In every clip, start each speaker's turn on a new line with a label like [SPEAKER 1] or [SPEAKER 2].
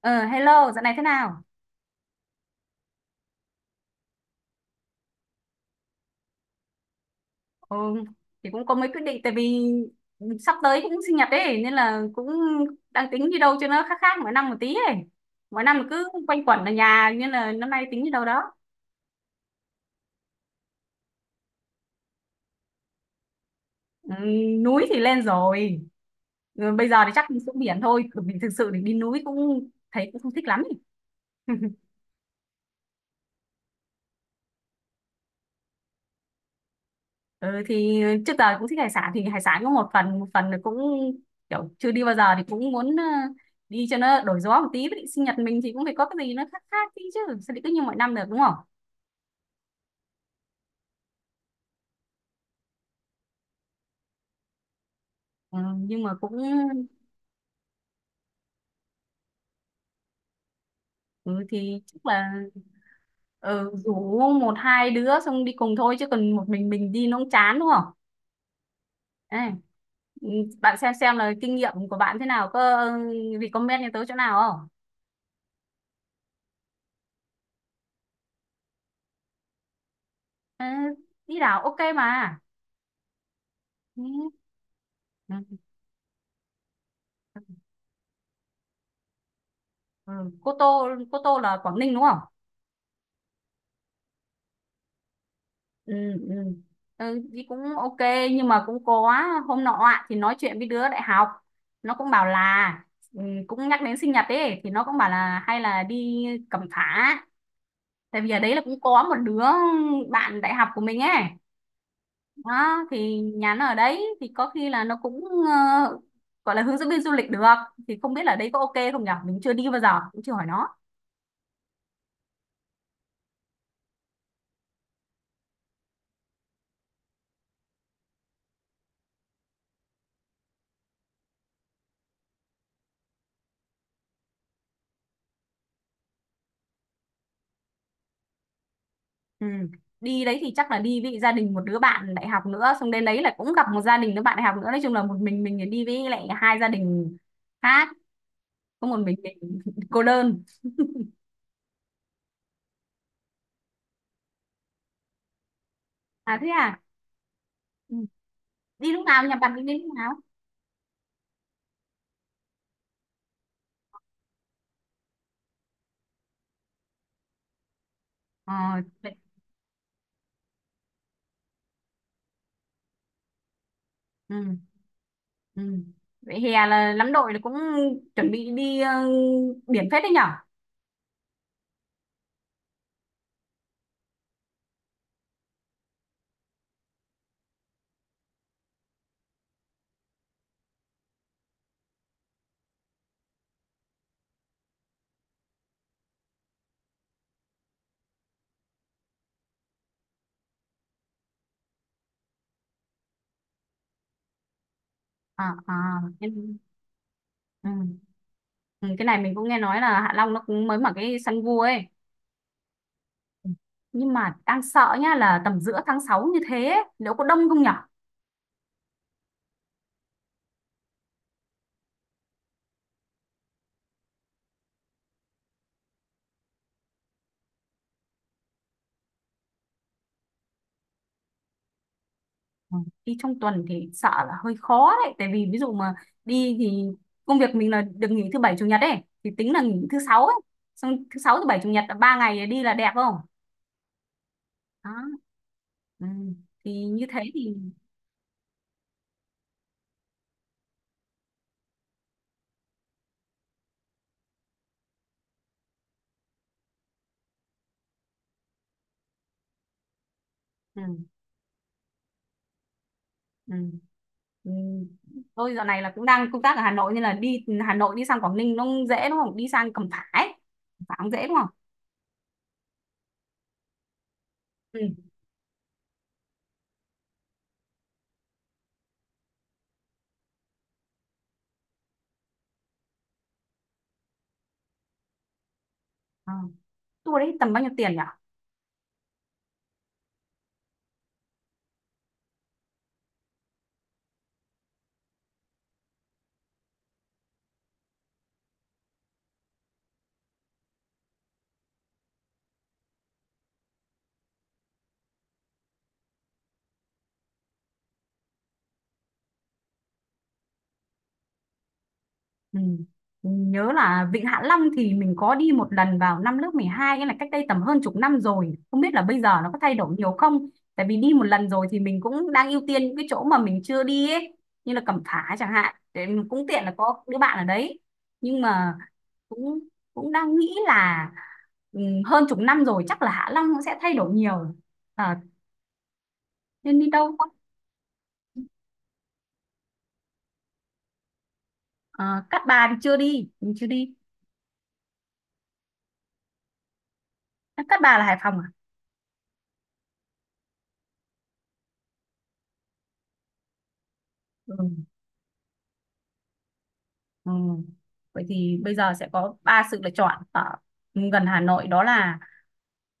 [SPEAKER 1] Ờ, Hello, dạo này thế nào? Ừ, thì cũng có mấy quyết định tại vì sắp tới cũng sinh nhật ấy nên là cũng đang tính đi đâu cho nó khác khác mỗi năm một tí ấy. Mỗi năm cứ quanh quẩn ở nhà nên là năm nay tính đi đâu đó. Ừ, núi thì lên rồi. Ừ, bây giờ thì chắc đi xuống biển thôi, bởi vì thực sự thì đi núi cũng thấy cũng không thích lắm ấy. Ừ, thì trước giờ cũng thích hải sản thì hải sản có một phần là cũng kiểu chưa đi bao giờ thì cũng muốn đi cho nó đổi gió một tí với định sinh nhật mình thì cũng phải có cái gì nó khác khác tí chứ sao lại cứ như mọi năm được đúng không? Ừ, nhưng mà cũng. Ừ, thì chắc là. Ừ, rủ một hai đứa xong đi cùng thôi chứ còn một mình đi nó cũng chán đúng không? Đây, ừ, bạn xem là kinh nghiệm của bạn thế nào, có ừ, recommend cho tớ chỗ nào không? Ừ, đi đảo ok mà. Ừ. Ừ, ừ. Ừ. Cô Tô là Quảng Ninh đúng không? Ừ, ừ, ừ, thì cũng ok, nhưng mà cũng có hôm nọ ạ, thì nói chuyện với đứa đại học, nó cũng bảo là ừ, cũng nhắc đến sinh nhật ấy, thì nó cũng bảo là hay là đi Cẩm Phả, tại vì ở đấy là cũng có một đứa bạn đại học của mình ấy, đó thì nhà nó ở đấy thì có khi là nó cũng ờ, gọi là hướng dẫn viên du lịch được, thì không biết là đấy có ok không nhở, mình chưa đi bao giờ cũng chưa hỏi nó. Ừ. Đi đấy thì chắc là đi với gia đình một đứa bạn đại học nữa, xong đến đấy là cũng gặp một gia đình đứa bạn đại học nữa, nói chung là một mình đi với lại hai gia đình khác, có một mình cô đơn. À thế à. Ừ. Đi lúc nào, nhà bạn đi đến lúc nào? ờ vậy- ừ. Ừ. Vậy hè là lắm đội là cũng chuẩn bị đi biển phết đấy nhở. À, à. em- Ừ. Ừ, cái này mình cũng nghe nói là Hạ Long nó cũng mới mở cái săn vua ấy, nhưng mà đang sợ nhá là tầm giữa tháng 6 như thế ấy, liệu có đông không nhở? Ừ, đi trong tuần thì sợ là hơi khó đấy, tại vì ví dụ mà đi thì công việc mình là được nghỉ thứ bảy chủ nhật ấy, thì tính là nghỉ thứ sáu ấy, xong thứ sáu thứ bảy chủ nhật là 3 ngày đi là đẹp không? Đó. Ừ. Thì như thế thì. Ừ. Ừ. Ừ. Tôi dạo này là cũng đang công tác ở Hà Nội, nên là đi Hà Nội đi sang Quảng Ninh nó dễ đúng không, đi sang Cẩm Phả ấy. Cẩm Phả cũng dễ đúng không? Ừ. Ờ. Tour đấy tầm bao nhiêu tiền nhỉ? Ừ. Nhớ là Vịnh Hạ Long thì mình có đi một lần vào năm lớp 12, nghĩa là cách đây tầm hơn chục năm rồi. Không biết là bây giờ nó có thay đổi nhiều không? Tại vì đi một lần rồi thì mình cũng đang ưu tiên những cái chỗ mà mình chưa đi ấy, như là Cẩm Phả chẳng hạn. Để mình cũng tiện là có đứa bạn ở đấy. Nhưng mà cũng cũng đang nghĩ là ừ, hơn chục năm rồi chắc là Hạ Long nó sẽ thay đổi nhiều. Ờ, Nên đi đâu không? Ờ, Cát Bà thì chưa đi, mình chưa đi. Cát Bà là Hải Phòng à? Ừ. Ừ. Vậy thì bây giờ sẽ có ba sự lựa chọn ở gần Hà Nội, đó là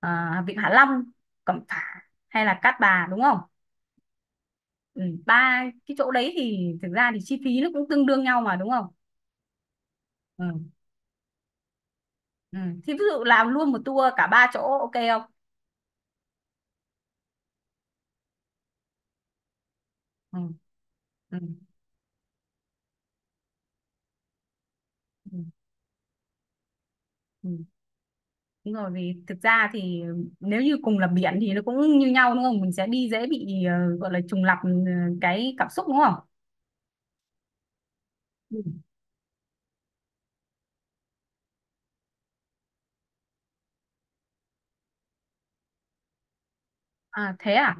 [SPEAKER 1] Vịnh Hạ Long, Cẩm Phả hay là Cát Bà đúng không? Ừ. Ba cái chỗ đấy thì thực ra thì chi phí nó cũng tương đương nhau mà đúng không? Ừ. Ừ. Thì ví dụ làm luôn một tour cả ba chỗ ok không? Ừ. Ừ. Ừ. Ừ. Đúng rồi, vì thực ra thì nếu như cùng là biển thì nó cũng như nhau đúng không? Mình sẽ đi dễ bị gọi là trùng lặp cái cảm xúc đúng không? Ừ. À thế à?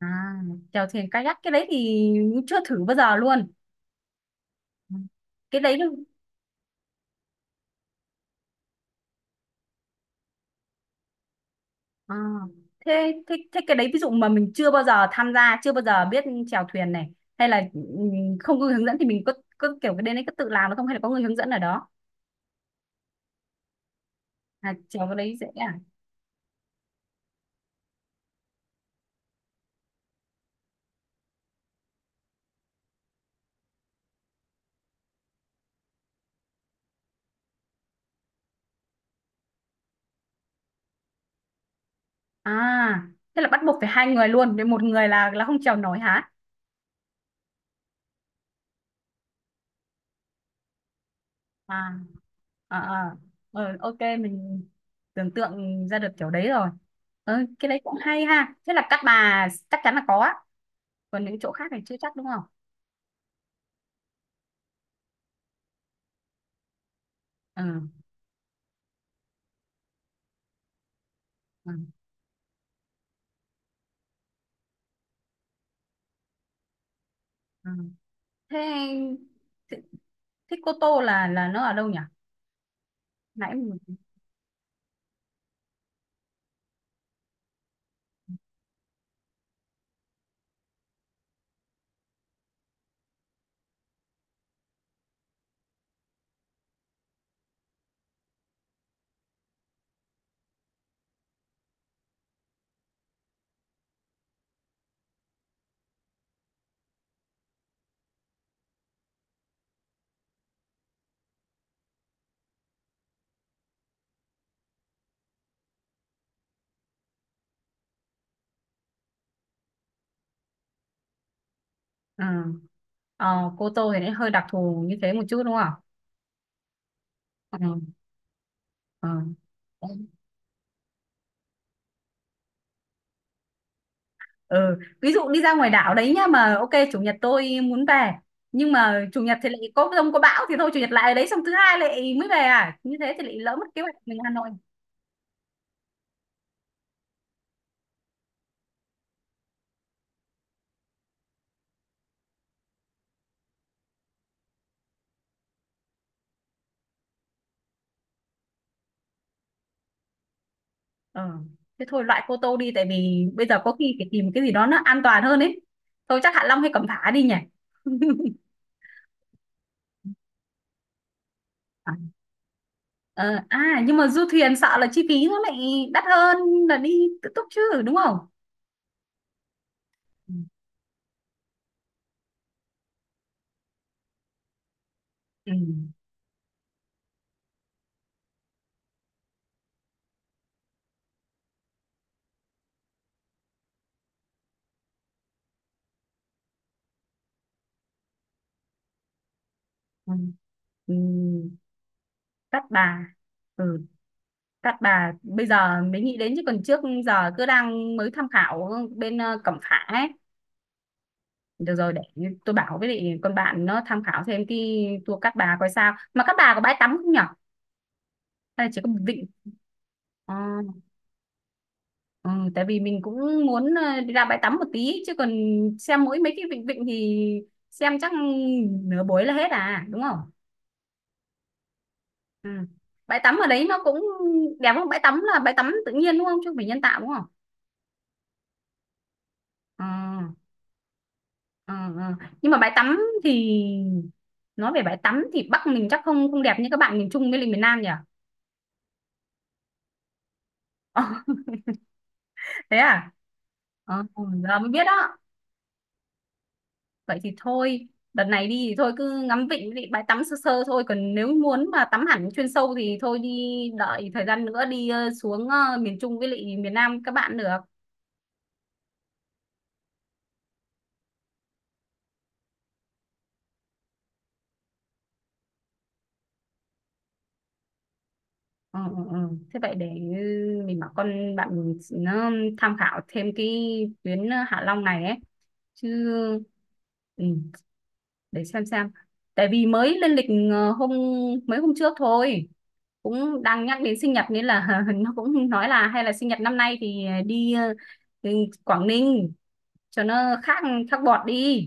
[SPEAKER 1] À, chèo thuyền kayak cái đấy thì chưa thử bao giờ luôn. Cái đấy đâu- À, thế, thế thế cái đấy ví dụ mà mình chưa bao giờ tham gia, chưa bao giờ biết, chèo thuyền này hay là không có người hướng dẫn thì mình có kiểu cái đến đấy có tự làm được không hay là có người hướng dẫn ở đó? À chèo cái đấy dễ à? À, thế là bắt buộc phải hai người luôn, để một người là không chèo nổi hả? À. À, à. Ờ, ok mình tưởng tượng ra được kiểu đấy rồi. Ờ, cái đấy cũng hay ha. Thế là các bà chắc chắn là có á. Còn những chỗ khác thì chưa chắc đúng không? Ừ, ừ, ừ. thế thế thế Cô Tô là nó ở đâu nhỉ? nãy mình- ừ. Cô Tô thì nó hơi đặc thù như thế một chút đúng không? Ừ. Ừ. ừ ví dụ đi ra ngoài đảo đấy nhá, mà ok chủ nhật tôi muốn về, nhưng mà chủ nhật thì lại có dông có bão thì thôi chủ nhật lại ở đấy, xong thứ hai lại mới về à, như thế thì lại lỡ mất kế hoạch mình Hà Nội. Ờ. Thế thôi loại Cô Tô đi, tại vì bây giờ có khi phải tìm cái gì đó nó an toàn hơn ấy. Thôi chắc Hạ Long hay Cẩm Phả đi nhỉ. À, nhưng mà du thuyền sợ là chi phí nó lại đắt hơn là đi tự túc chứ đúng không? Ừ. Ừ. Ừ. Ừ. Cát Bà. Ừ. Cát Bà bây giờ mới nghĩ đến, chứ còn trước giờ cứ đang mới tham khảo bên Cẩm Phả ấy. Được rồi, để tôi bảo với lại con bạn nó tham khảo thêm cái tour Cát Bà coi sao. Mà Cát Bà có bãi tắm không nhỉ? Hay là chỉ có một vịnh. Ờ, ừ, tại vì mình cũng muốn đi ra bãi tắm một tí, chứ còn xem mỗi mấy cái vịnh vịnh thì xem chắc nửa buổi là hết à, đúng không? Ừ. Bãi tắm ở đấy nó cũng đẹp không? Bãi tắm là bãi tắm tự nhiên đúng không? Chứ không phải nhân tạo đúng không? Ờ, ờ, ờ. Nhưng mà bãi tắm thì nói về bãi tắm thì Bắc mình chắc không không đẹp như các bạn miền Trung với lại miền Nam nhỉ? Thế à? Ờ, giờ mới biết đó. Vậy thì thôi đợt này đi thì thôi cứ ngắm vịnh với lại bãi tắm sơ sơ thôi, còn nếu muốn mà tắm hẳn chuyên sâu thì thôi đi đợi thời gian nữa đi xuống miền Trung với lại miền Nam các bạn được. Ừ, ừ, ừ. Thế vậy để mình bảo con bạn mình nó tham khảo thêm cái tuyến Hạ Long này ấy chứ. Ừ, để xem, tại vì mới lên lịch ờ, hôm mấy hôm trước thôi, cũng đang nhắc đến sinh nhật nên là nó cũng nói là hay là sinh nhật năm nay thì đi ừ, Quảng Ninh cho nó khác khác bọt đi.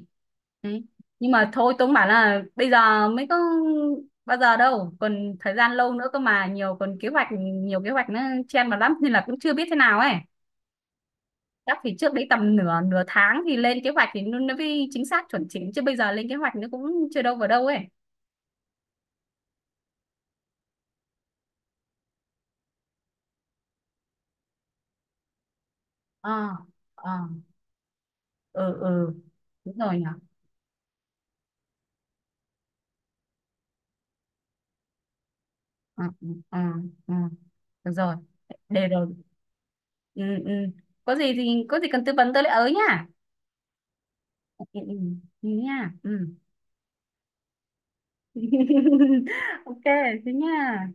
[SPEAKER 1] Đấy. Nhưng mà thôi tôi cũng bảo là bây giờ mới có bao giờ đâu, còn thời gian lâu nữa cơ mà, nhiều còn kế hoạch, nhiều kế hoạch nó chen vào lắm nên là cũng chưa biết thế nào ấy. Chắc thì trước đấy tầm nửa nửa tháng thì lên kế hoạch thì nó mới chính xác chuẩn chỉnh, chứ bây giờ lên kế hoạch nó cũng chưa đâu vào đâu ấy. Ờ. Ờ. Ừ. Ừ đúng rồi nhỉ. Ừ, ừ, ừ. Ừ. Được rồi. Để rồi. Ừ, ừ, có gì cần tư vấn tôi lại ở nhá. Ừ, ừ, ừ nha. Ừ. Ok, thế nha.